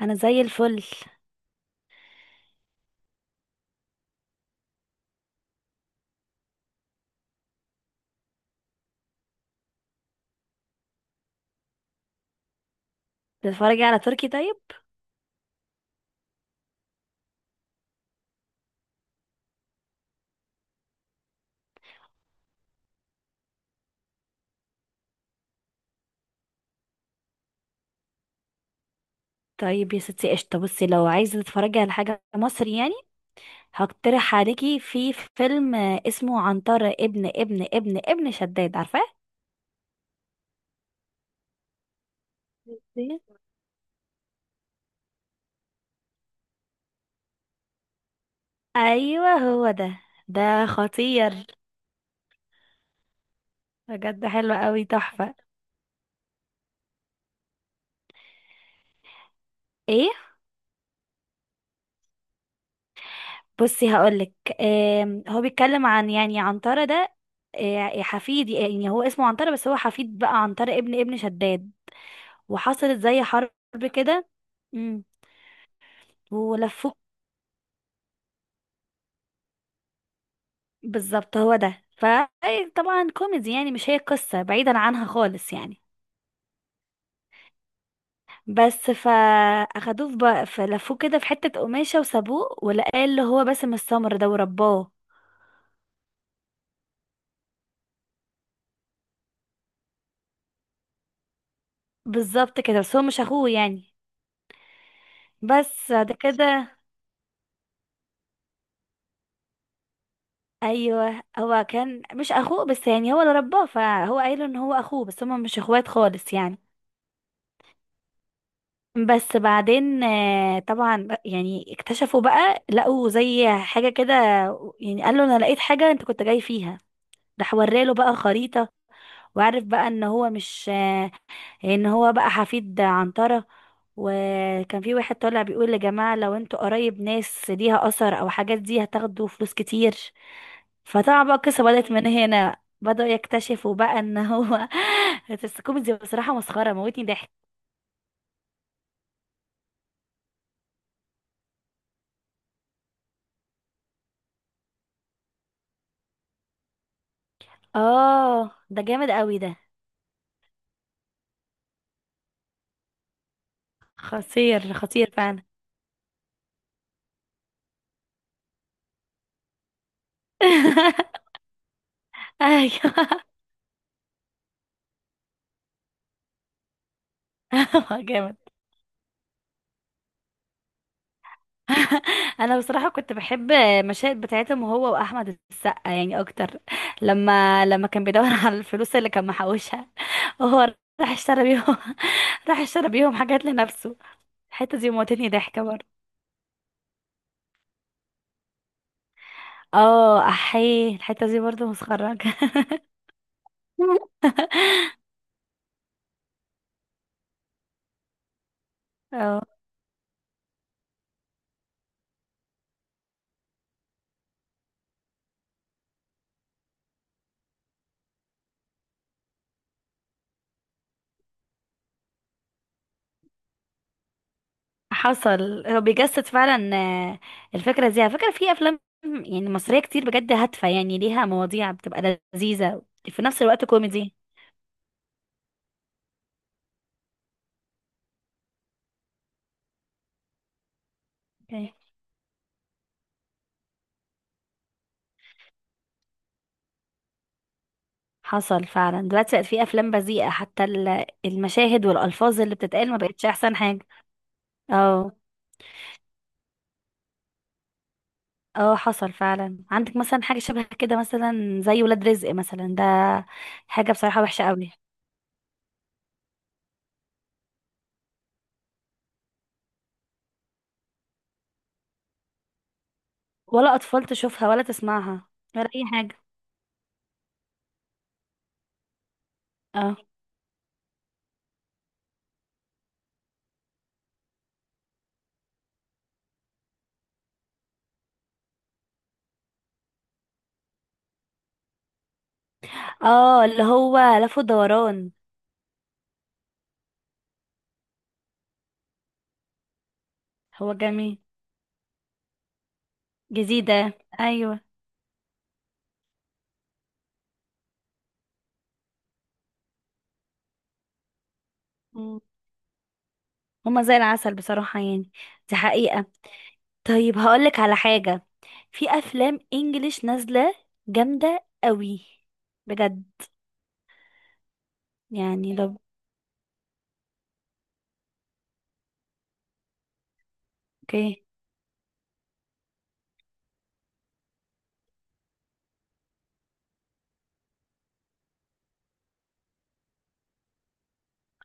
انا زي الفل. بتتفرجي على تركي طيب؟ طيب يا ستي، قشطه. بصي، لو عايزه تتفرجي على حاجه مصري يعني، هقترح عليكي في فيلم، اسمه عنتر ابن ابن ابن ابن شداد. عارفاه؟ إيه؟ ايوه، هو ده خطير، بجد حلو قوي، تحفه. ايه؟ بصي هقولك. هو بيتكلم عن يعني عنترة ده. حفيد. يعني هو اسمه عنترة، بس هو حفيد بقى عنترة ابن ابن شداد. وحصلت زي حرب كده. امم ولفوه. بالظبط، هو ده. فطبعا كوميدي يعني، مش هي قصة بعيدا عنها خالص يعني. بس فاخدوه في فلفوه كده في حتة قماشة وسابوه، ولقاه اللي هو باسم السمر ده ورباه. بالظبط كده، بس هو مش اخوه يعني. بس بعد كده، ايوه، هو كان مش اخوه، بس يعني هو اللي رباه، فهو قايله ان هو اخوه، بس هما مش اخوات خالص يعني. بس بعدين طبعا يعني اكتشفوا بقى، لقوا زي حاجة كده. يعني قال له، انا لقيت حاجة انت كنت جاي فيها. راح وراله بقى خريطة، وعرف بقى ان هو مش، ان هو بقى حفيد عنترة. وكان في واحد طالع بيقول، يا جماعة لو انتوا قرايب ناس ليها اثر او حاجات دي، هتاخدوا فلوس كتير. فطبعا بقى القصة بدأت من هنا، بدأوا يكتشفوا بقى ان هو بس كوميدي بصراحة، مسخرة، موتني ضحك. اه، ده جامد قوي ده. خطير خطير فعلا. ايوه. جامد. انا بصراحه كنت بحب مشاهد بتاعتهم هو واحمد السقا يعني اكتر. لما كان بيدور على الفلوس اللي كان محوشها، وهو راح اشترى بيهم راح اشترى بيهم حاجات لنفسه. الحته دي موتتني ضحكه برضه. اه، احيه، الحته دي برضه مسخرجه. اه، حصل. هو بيجسد فعلا، الفكره دي على فكره في افلام يعني مصريه كتير بجد هادفه، يعني ليها مواضيع بتبقى لذيذه، في نفس الوقت كوميدي. حصل فعلا، دلوقتي بقت في افلام بذيئه، حتى المشاهد والالفاظ اللي بتتقال ما بقتش احسن حاجه. اه. اه، حصل فعلا. عندك مثلا حاجه شبه كده مثلا زي ولاد رزق مثلا ده، حاجه بصراحه وحشه قوي. ولا اطفال تشوفها ولا تسمعها، ولا اي حاجه. اه. اه، اللي هو لف ودوران. هو جميل. جديدة. ايوه. مم. هما زي العسل بصراحة يعني. دي حقيقة. طيب، هقولك على حاجة، في أفلام إنجليش نازلة جامدة قوي بجد. يعني لو... اوكي.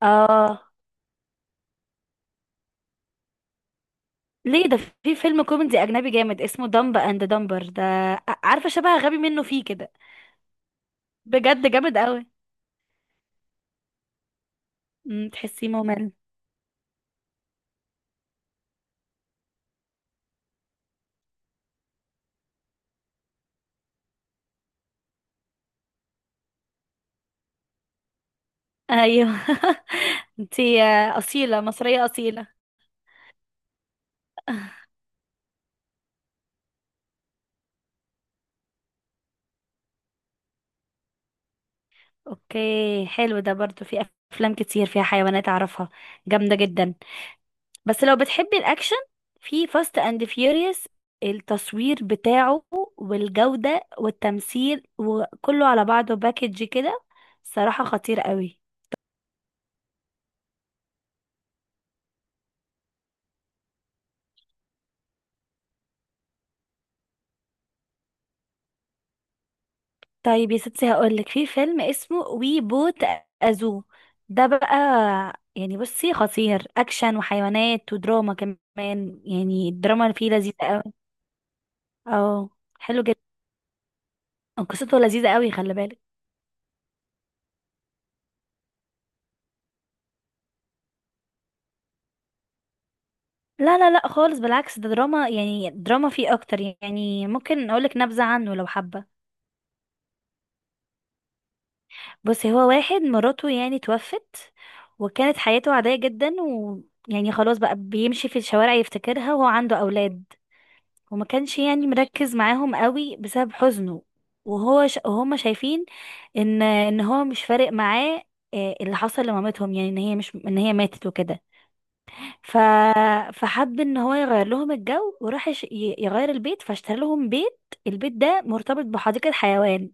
اه، ليه ده؟ في فيلم كوميدي أجنبي جامد اسمه دمب أند دمبر ده. عارفة شبه غبي منه فيه كده، بجد جامد قوي. تحسيه ممل؟ أيوه. انتي، أصيلة، مصرية أصيلة. اوكي حلو ده، برضو في أفلام كتير فيها حيوانات أعرفها، جامدة جدا. بس لو بتحبي الاكشن، في فاست اند فيوريوس. التصوير بتاعه والجودة والتمثيل وكله على بعضه باكج كده، صراحة خطير قوي. طيب يا ستي، هقولك، في فيلم اسمه وي بوت ازو. ده بقى، يعني بصي خطير، اكشن وحيوانات ودراما كمان، يعني الدراما اللي فيه لذيذة قوي. اه، حلو جدا. قصته لذيذة قوي، خلي بالك. لا لا لا خالص، بالعكس، ده دراما يعني، دراما فيه اكتر، يعني ممكن اقولك نبذة عنه لو حابة. بصي، هو واحد مراته يعني توفت، وكانت حياته عادية جدا، ويعني خلاص بقى بيمشي في الشوارع يفتكرها، وهو عنده اولاد. وما كانش يعني مركز معاهم قوي بسبب حزنه. وهو وهما شايفين ان هو مش فارق معاه، اللي حصل لمامتهم، يعني ان هي، مش ان هي ماتت وكده. ف... فحب ان هو يغير لهم الجو، وراح يغير البيت، فاشترى لهم بيت. البيت ده مرتبط بحديقة حيوان.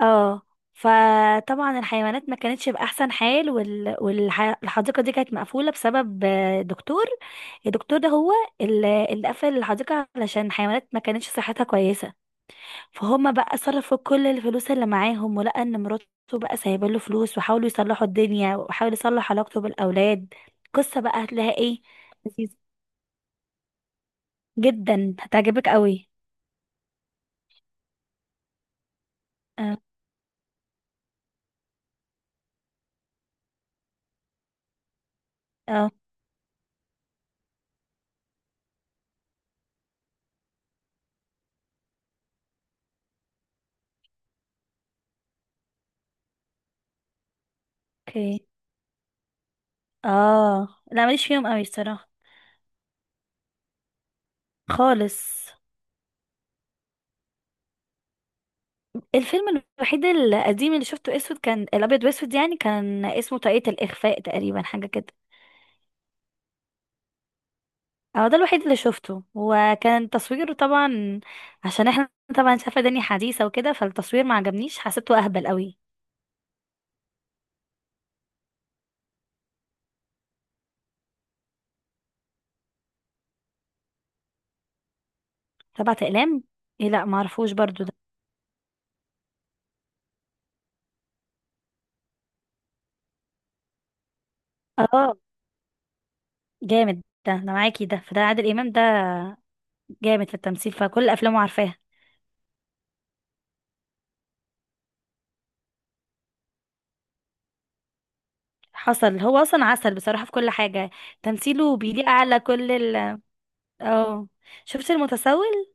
اه. فطبعا الحيوانات ما كانتش بأحسن حال، والحديقة دي كانت مقفولة بسبب، دكتور. الدكتور ده هو اللي قفل الحديقة علشان الحيوانات ما كانتش صحتها كويسة. فهم بقى صرفوا كل الفلوس اللي معاهم، ولقى ان مراته بقى سايبه له فلوس، وحاولوا يصلحوا الدنيا، وحاولوا يصلح علاقته بالاولاد. قصه بقى هتلاقيها ايه. لذيذة جدا، هتعجبك قوي. اه. آه، اوكي. اه لا، ماليش فيهم قوي الصراحه، خالص. الفيلم الوحيد القديم اللي شفته اسود كان الابيض واسود يعني، كان اسمه طاقية الاخفاء تقريبا، حاجه كده. هو ده الوحيد اللي شفته، وكان تصويره طبعا، عشان احنا طبعا شايفه دنيا حديثه وكده، فالتصوير ما عجبنيش، حسيته اهبل قوي. سبعة اقلام؟ ايه، لا ما عرفوش برضو ده. اه، جامد ده، انا معاكي. ده فده عادل امام ده، جامد في التمثيل، فكل افلامه عارفاها. حصل. هو اصلا عسل بصراحه في كل حاجه. تمثيله بيليق على كل ال... اه. شفت المتسول.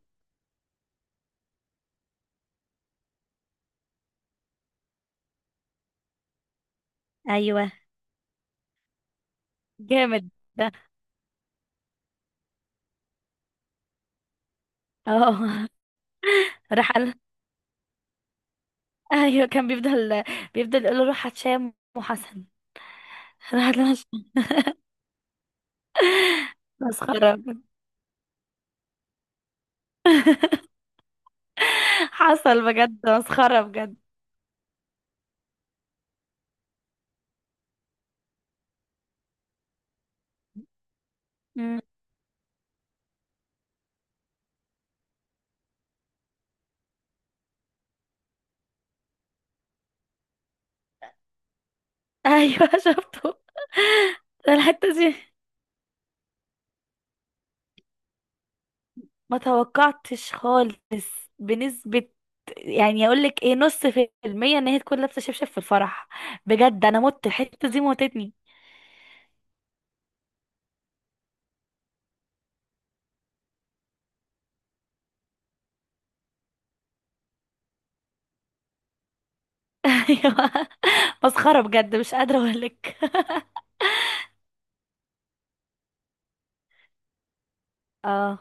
ايوه، جامد ده. اه. راح قال، ايوه، كان بيفضل يقول له، روح هتشام وحسن. راح... مسخرة بجد. حصل بجد، مسخرة بجد. مم. ايوه. شفته. ده الحتة دي. ما توقعتش خالص. بنسبة يعني، اقول لك ايه، نص في المية ان هي تكون لابسة شبشب في الفرح. بجد انا مت، الحتة دي موتتني. ايوه، مسخرة بجد، مش قادرة اقول لك. اه.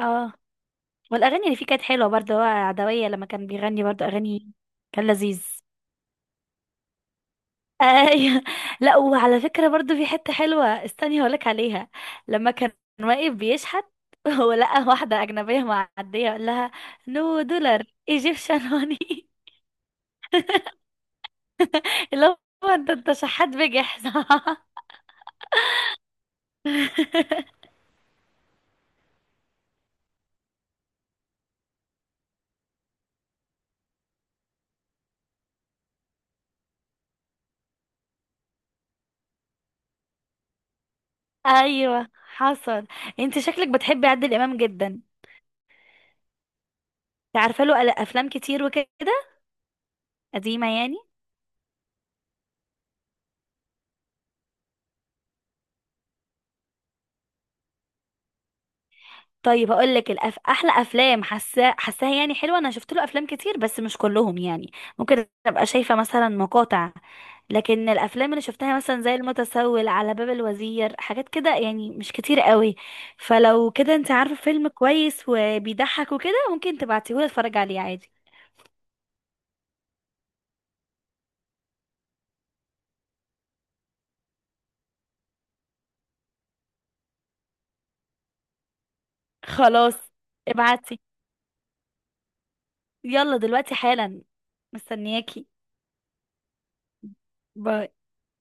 اه، والاغاني اللي فيه كانت حلوة برضه، هو عدوية لما كان بيغني برضه اغاني، كان لذيذ. ايوه. لا، وعلى فكره برضو في حته حلوه، استني هقولك عليها. لما كان واقف بيشحت ولقى واحده اجنبيه معديه، قال لها، نو دولار ايجيبشن هوني. اللي هو، انت شحات بجح صح؟ ايوه، حصل. انت شكلك بتحبي عادل امام جدا انت، عارفه له افلام كتير وكده، قديمه يعني. طيب هقول لك احلى افلام حاساها يعني حلوه، انا شفت له افلام كتير بس مش كلهم يعني، ممكن ابقى شايفه مثلا مقاطع، لكن الافلام اللي شفتها مثلا زي المتسول، على باب الوزير، حاجات كده يعني مش كتير قوي. فلو كده انت عارفه فيلم كويس وبيضحك وكده، ممكن تبعتيهولي اتفرج عليه عادي. خلاص، ابعتي، يلا دلوقتي حالا. مستنياكي. باي.